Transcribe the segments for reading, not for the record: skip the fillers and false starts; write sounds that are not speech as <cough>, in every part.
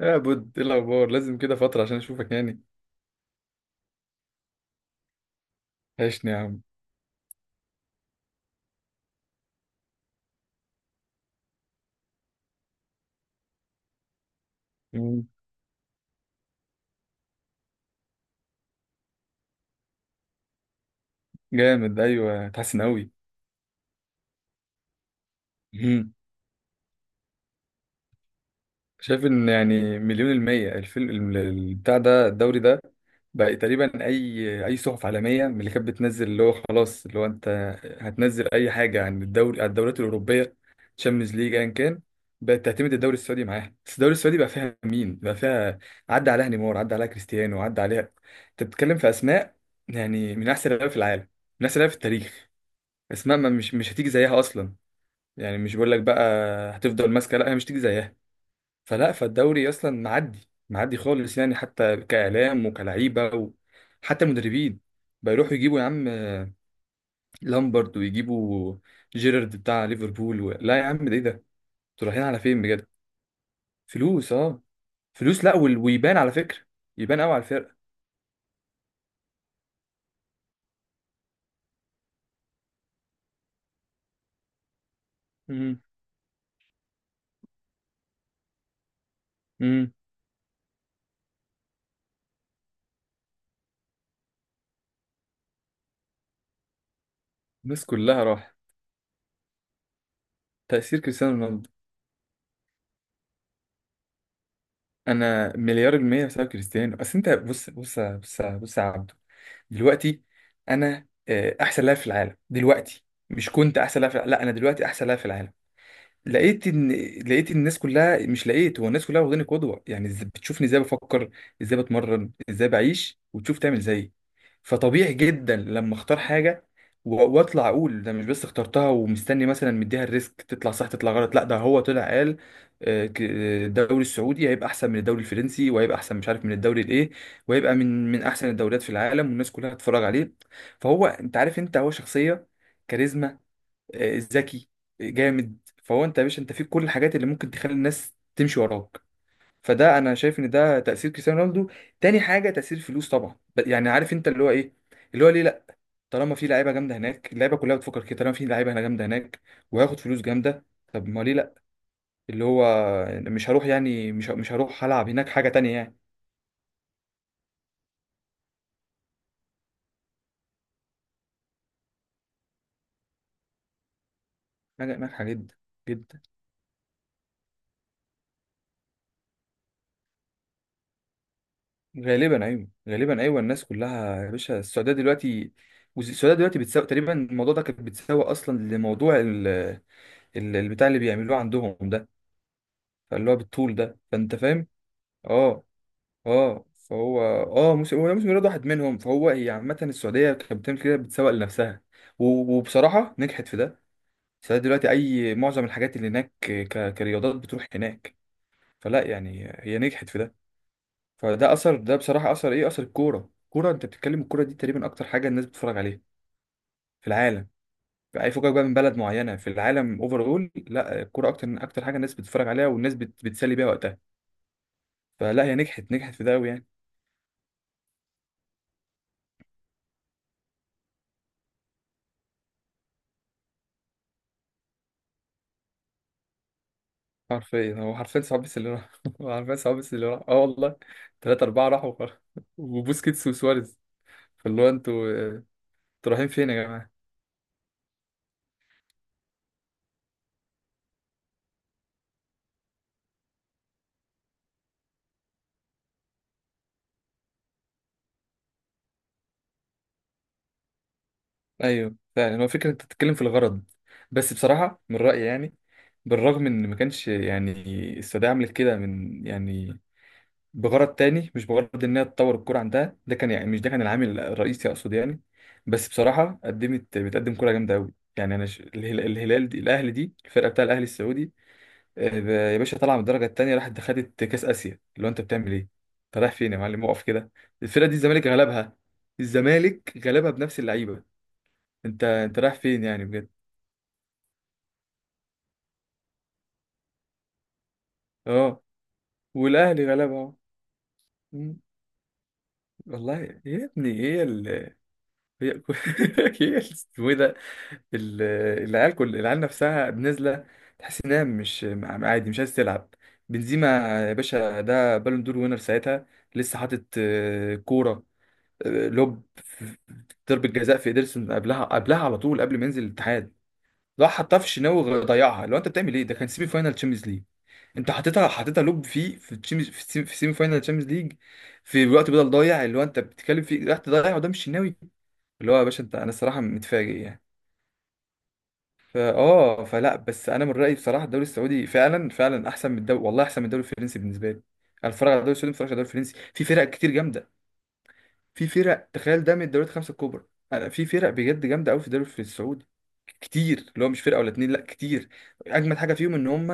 يا بود، ايه الاخبار؟ لازم كده فتره عشان اشوفك يعني. عيشني يا عم. مم. جامد، ايوه اتحسن قوي. شايف ان يعني مليون المية الفيلم بتاع ده الدوري ده. بقى تقريبا اي صحف عالمية من اللي كانت بتنزل، اللي هو خلاص، اللي هو انت هتنزل اي حاجة عن الدوري، عن الدوريات الاوروبية، تشامبيونز ليج، ايا كان، بقت تعتمد الدوري السعودي معاها. بس الدوري السعودي بقى فيها مين؟ بقى فيها عدى عليها نيمار، عدى عليها كريستيانو، عدى عليها، انت بتتكلم في اسماء يعني من احسن اللعيبه في العالم، من احسن اللعيبه في التاريخ. اسماء ما مش هتيجي زيها اصلا، يعني مش بقول لك بقى. هتفضل ماسكه، لا هي مش هتيجي زيها. فلا، فالدوري اصلا معدي معدي خالص يعني، حتى كاعلام وكلعيبه، وحتى مدربين. بيروحوا يجيبوا يا عم لامبرد، ويجيبوا جيرارد بتاع ليفربول لا يا عم ده ايه ده؟ انتوا رايحين على فين بجد؟ فلوس، اه، فلوس. لا ويبان على فكره، يبان قوي على الفرقه. امم. امم. الناس كلها راح. تاثير كريستيانو رونالدو. انا مليار المية بسبب كريستيانو. بس انت بص بص بص بص يا عبدو، دلوقتي انا احسن لاعب في العالم دلوقتي، مش كنت احسن لاعب في لا انا دلوقتي احسن لاعب في العالم. لقيت ان، لقيت إن الناس كلها، مش لقيت، هو الناس كلها واخداني قدوه يعني، بتشوفني ازاي بفكر، ازاي بتمرن، ازاي بعيش، وتشوف تعمل زيي. فطبيعي جدا لما اختار حاجه واطلع اقول ده مش بس اخترتها ومستني مثلا، مديها الريسك، تطلع صح تطلع غلط، لا ده هو طلع قال الدوري السعودي هيبقى احسن من الدوري الفرنسي، وهيبقى احسن مش عارف من الدوري الايه، وهيبقى من احسن الدوريات في العالم، والناس كلها هتتفرج عليه. فهو انت عارف انت هو شخصيه، كاريزما، ذكي، جامد. فهو انت يا باشا، انت فيك كل الحاجات اللي ممكن تخلي الناس تمشي وراك. فده انا شايف ان ده تأثير كريستيانو رونالدو. تاني حاجة تأثير الفلوس طبعا، يعني عارف انت اللي هو ايه، اللي هو ليه لا. طالما في لعيبة جامدة هناك، اللعيبة كلها بتفكر كده، طالما في لعيبة هنا جامدة هناك، وهاخد فلوس جامدة، طب ما ليه لا. اللي هو مش هروح يعني، مش هروح هلعب هناك حاجة تانية يعني. حاجة هناك، حاجة جدا، جدا. غالبا ايوه، غالبا ايوه. الناس كلها يا باشا، السعوديه دلوقتي، السعوديه دلوقتي بتساوي تقريبا، الموضوع ده كانت بتساوي اصلا لموضوع البتاع اللي بيعملوه عندهم ده. فاللي هو بالطول ده، فانت فاهم. اه. اه فهو اه موسم، هو موسم رياض واحد منهم. فهو، هي عامه السعوديه كانت بتعمل كده، بتسوق لنفسها و... وبصراحه نجحت في ده. السعوديه دلوقتي اي معظم الحاجات اللي هناك كرياضات بتروح هناك. فلا يعني هي نجحت في ده. فده اثر ده بصراحه، اثر ايه؟ اثر الكوره. الكوره انت بتتكلم، الكوره دي تقريبا اكتر حاجه الناس بتتفرج عليها في العالم. اي فوجئك بقى من بلد معينه في العالم، اول، لا الكوره اكتر، اكتر حاجه الناس بتتفرج عليها، والناس بتسلي بيها وقتها. فلا، هي نجحت، نجحت في ده قوي يعني. حرفيا، هو حرفيا صعب بس اللي راح <laughs> هو حرفيا صعب بس اللي راح، اه والله. ثلاثة أربعة راحوا <laughs> وخلاص. وبوسكيتس وسواريز. فاللي هو انتوا انتوا رايحين فين يا جماعة؟ ايوه فعلا، هو فكره انت بتتكلم في الغرض. بس بصراحه من رايي يعني، بالرغم ان ما كانش يعني، السعوديه عملت كده من يعني بغرض تاني، مش بغرض انها تطور الكوره عندها، ده كان يعني، مش ده كان العامل الرئيسي اقصد يعني. بس بصراحه قدمت، بتقدم كوره جامده قوي يعني. انا الهلال الهلال دي، الاهلي دي، الفرقه بتاع الاهلي السعودي يا باشا طالعه من الدرجه التانيه، راحت خدت كاس اسيا، اللي هو انت بتعمل ايه؟ انت رايح فين يا معلم؟ اقف كده. الفرقه دي الزمالك غلبها، الزمالك غلبها بنفس اللعيبه. انت رايح فين يعني بجد؟ اه. والاهلي غلبها اهو. مم. والله. يا ابني هي ال، هي <laughs> اسمه ايه ده، ال- العيال، كل العيال نفسها نازله، تحس انها مش عادي مش عايز تلعب. بنزيما يا باشا ده بالون دور وينر ساعتها، لسه حاطط كوره، لوب في ضربه جزاء في ايدرسون، قبلها قبلها على طول قبل ما ينزل الاتحاد، راح حطها في الشناوي ضيعها. لو انت بتعمل ايه؟ ده كان سيمي فاينال تشامبيونز ليج. انت حطيتها، حطيتها لوب فيه في الشامبيونز، في السيمي، في سيمي فاينال تشامبيونز ليج في وقت بدل ضايع، اللي هو انت بتتكلم فيه، راح تضيع قدام الشناوي، اللي هو يا باشا انت، انا الصراحه متفاجئ يعني. فا اه فلا، بس انا من رايي بصراحه الدوري السعودي فعلا، فعلا احسن من الدوري، والله احسن من الدوري الفرنسي بالنسبه لي. انا بتفرج على الدوري السعودي، ما بتفرجش على الدوري الفرنسي. في فرق كتير جامده، في فرق تخيل ده من الدوريات الخمسه الكبرى. انا في فرق بجد جامده قوي في الدوري في السعودي كتير، اللي هو مش فرقه ولا اتنين، لا كتير. اجمد حاجه فيهم ان هم،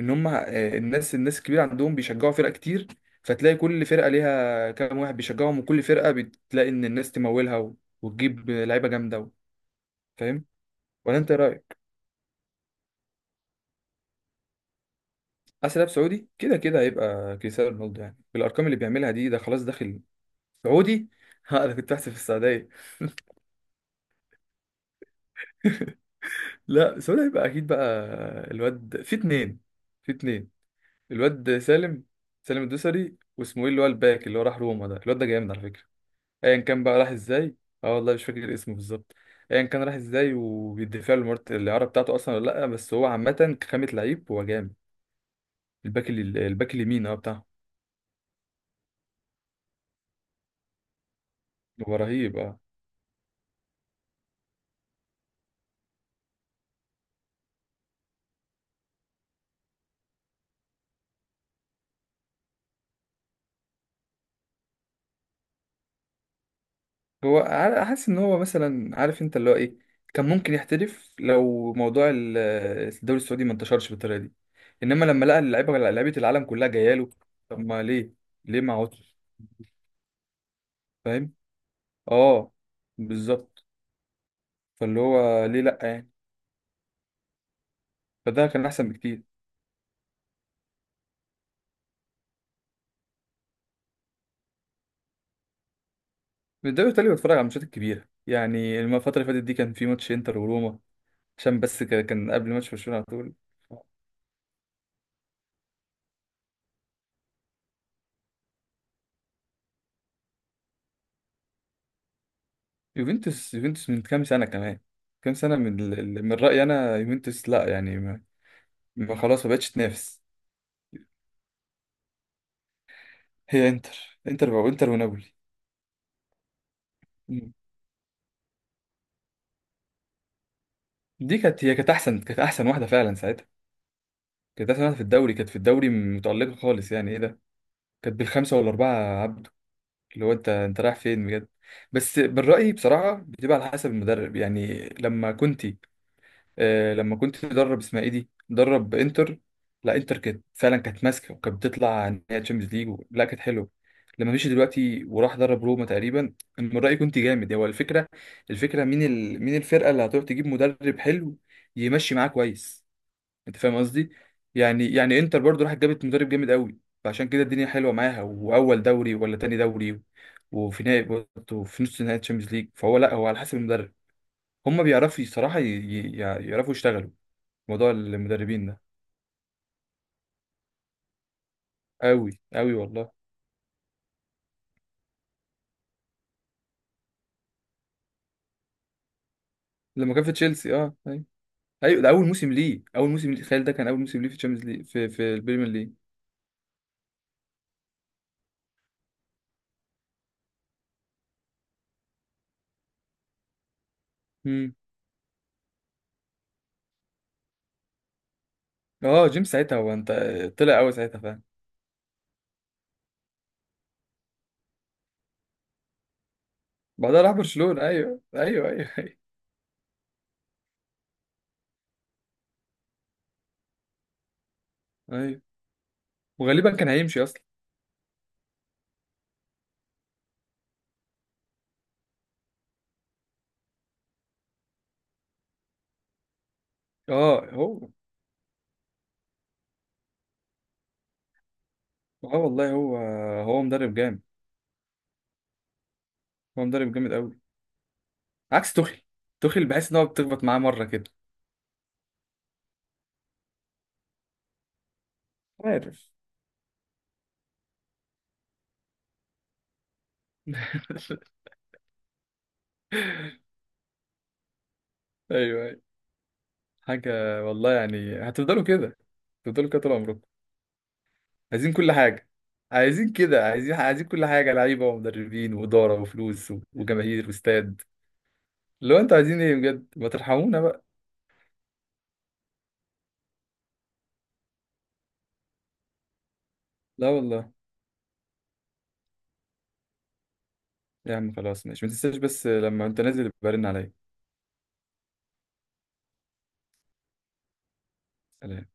ان هم الناس، الناس الكبيره عندهم بيشجعوا فرق كتير، فتلاقي كل فرقه ليها كام واحد بيشجعهم، وكل فرقه بتلاقي ان الناس تمولها وتجيب لعيبه جامده فاهم، ولا انت إيه رايك؟ اسلاب سعودي كده كده هيبقى كريستيانو رونالدو يعني، بالارقام اللي بيعملها دي، ده خلاص داخل. سعودي <laughs> ها انا كنت بحسب في السعوديه <laughs> لا سؤال هيبقى اكيد بقى. الواد في اتنين، في اتنين. الواد سالم، سالم الدوسري، واسمه ايه اللي هو الباك اللي هو راح روما، ده الواد ده جامد على فكره، ايا كان بقى راح ازاي. اه والله مش فاكر اسمه بالظبط، ايا كان راح ازاي، وبيدفع له مرت الاعاره بتاعته اصلا ولا لا. بس هو عامه، كخامه لعيب هو جامد. الباك الباك اليمين اه بتاعه. هو رهيب اه. هو حاسس ان هو مثلا، عارف انت اللي هو ايه، كان ممكن يحترف لو موضوع الدوري السعودي ما انتشرش بالطريقه دي، انما لما لقى اللعيبه، لعيبه العالم كلها جايه له، طب ما ليه، ليه ما عودش. فاهم. اه. بالظبط. فاللي هو ليه لا يعني. فده كان احسن بكتير. الدوري الايطالي بتفرج على الماتشات الكبيره يعني، الفتره اللي فاتت دي كان في ماتش انتر وروما، عشان بس كان قبل ماتش برشلونه على طول. يوفنتوس، يوفنتوس من كام سنه كمان، كام سنه من من رايي انا يوفنتوس لا يعني، ما خلاص، ما بقتش تنافس. هي انتر، انتر بقى، انتر ونابولي. مم. دي كانت، هي كانت احسن، كانت احسن واحده فعلا ساعتها. كانت احسن واحده في الدوري، كانت في الدوري متالقه خالص يعني، ايه ده؟ كانت بالخمسه والاربعه. عبده، اللي هو انت رايح فين بجد؟ بس من رايي بصراحه بتبقى على حسب المدرب يعني. لما كنتي لما كنت مدرب اسمها ايه دي مدرب انتر، لا انتر كانت فعلا، كانت ماسكه وكانت بتطلع نهائي تشامبيونز ليج لا كانت حلوه. لما مشي دلوقتي وراح درب روما تقريبا، من رايي كنت جامد. هو الفكره، الفكره مين مين الفرقه اللي هتروح تجيب مدرب حلو يمشي معاه كويس. انت فاهم قصدي؟ يعني يعني انتر برضو راحت جابت مدرب جامد قوي، فعشان كده الدنيا حلوه معاها. واول دوري ولا تاني دوري، وفي نهائي برضه، في نص نهائي تشامبيونز ليج. فهو لا، هو على حسب المدرب، هم بيعرفوا صراحه يعرفوا يشتغلوا. موضوع المدربين ده قوي قوي والله. لما كان في تشيلسي اه ايوه. ايوه ده اول موسم ليه، اول موسم ليه تخيل، ده كان اول موسم ليه في تشامبيونز ليج، في البريمير ليج. امم. اه جيمس ساعتها هو انت، طلع قوي ساعتها. فاهم. بعدها راح برشلونة، ايوه ايوه ايوه ايوه. ايوه وغالبا كان هيمشي اصلا. اه هو. اه والله هو، هو مدرب جامد. هو مدرب جامد قوي. عكس توخيل، توخيل بحس ان هو بتخبط معاه مره كده. عارف. <laughs> ايوه ايوه. حاجه. والله يعني هتفضلوا كده، هتفضلوا كده طول عمركم. عايزين كل حاجة. عايزين كده، عايزين، عايزين كل حاجة، لعيبة ومدربين وإدارة وفلوس وجماهير واستاد. لو انتوا عايزين ايه بجد، ما ترحمونا بقى. لا والله. يا عم خلاص ماشي، ما تنساش بس لما انت نازل يبقى رن عليا. سلام.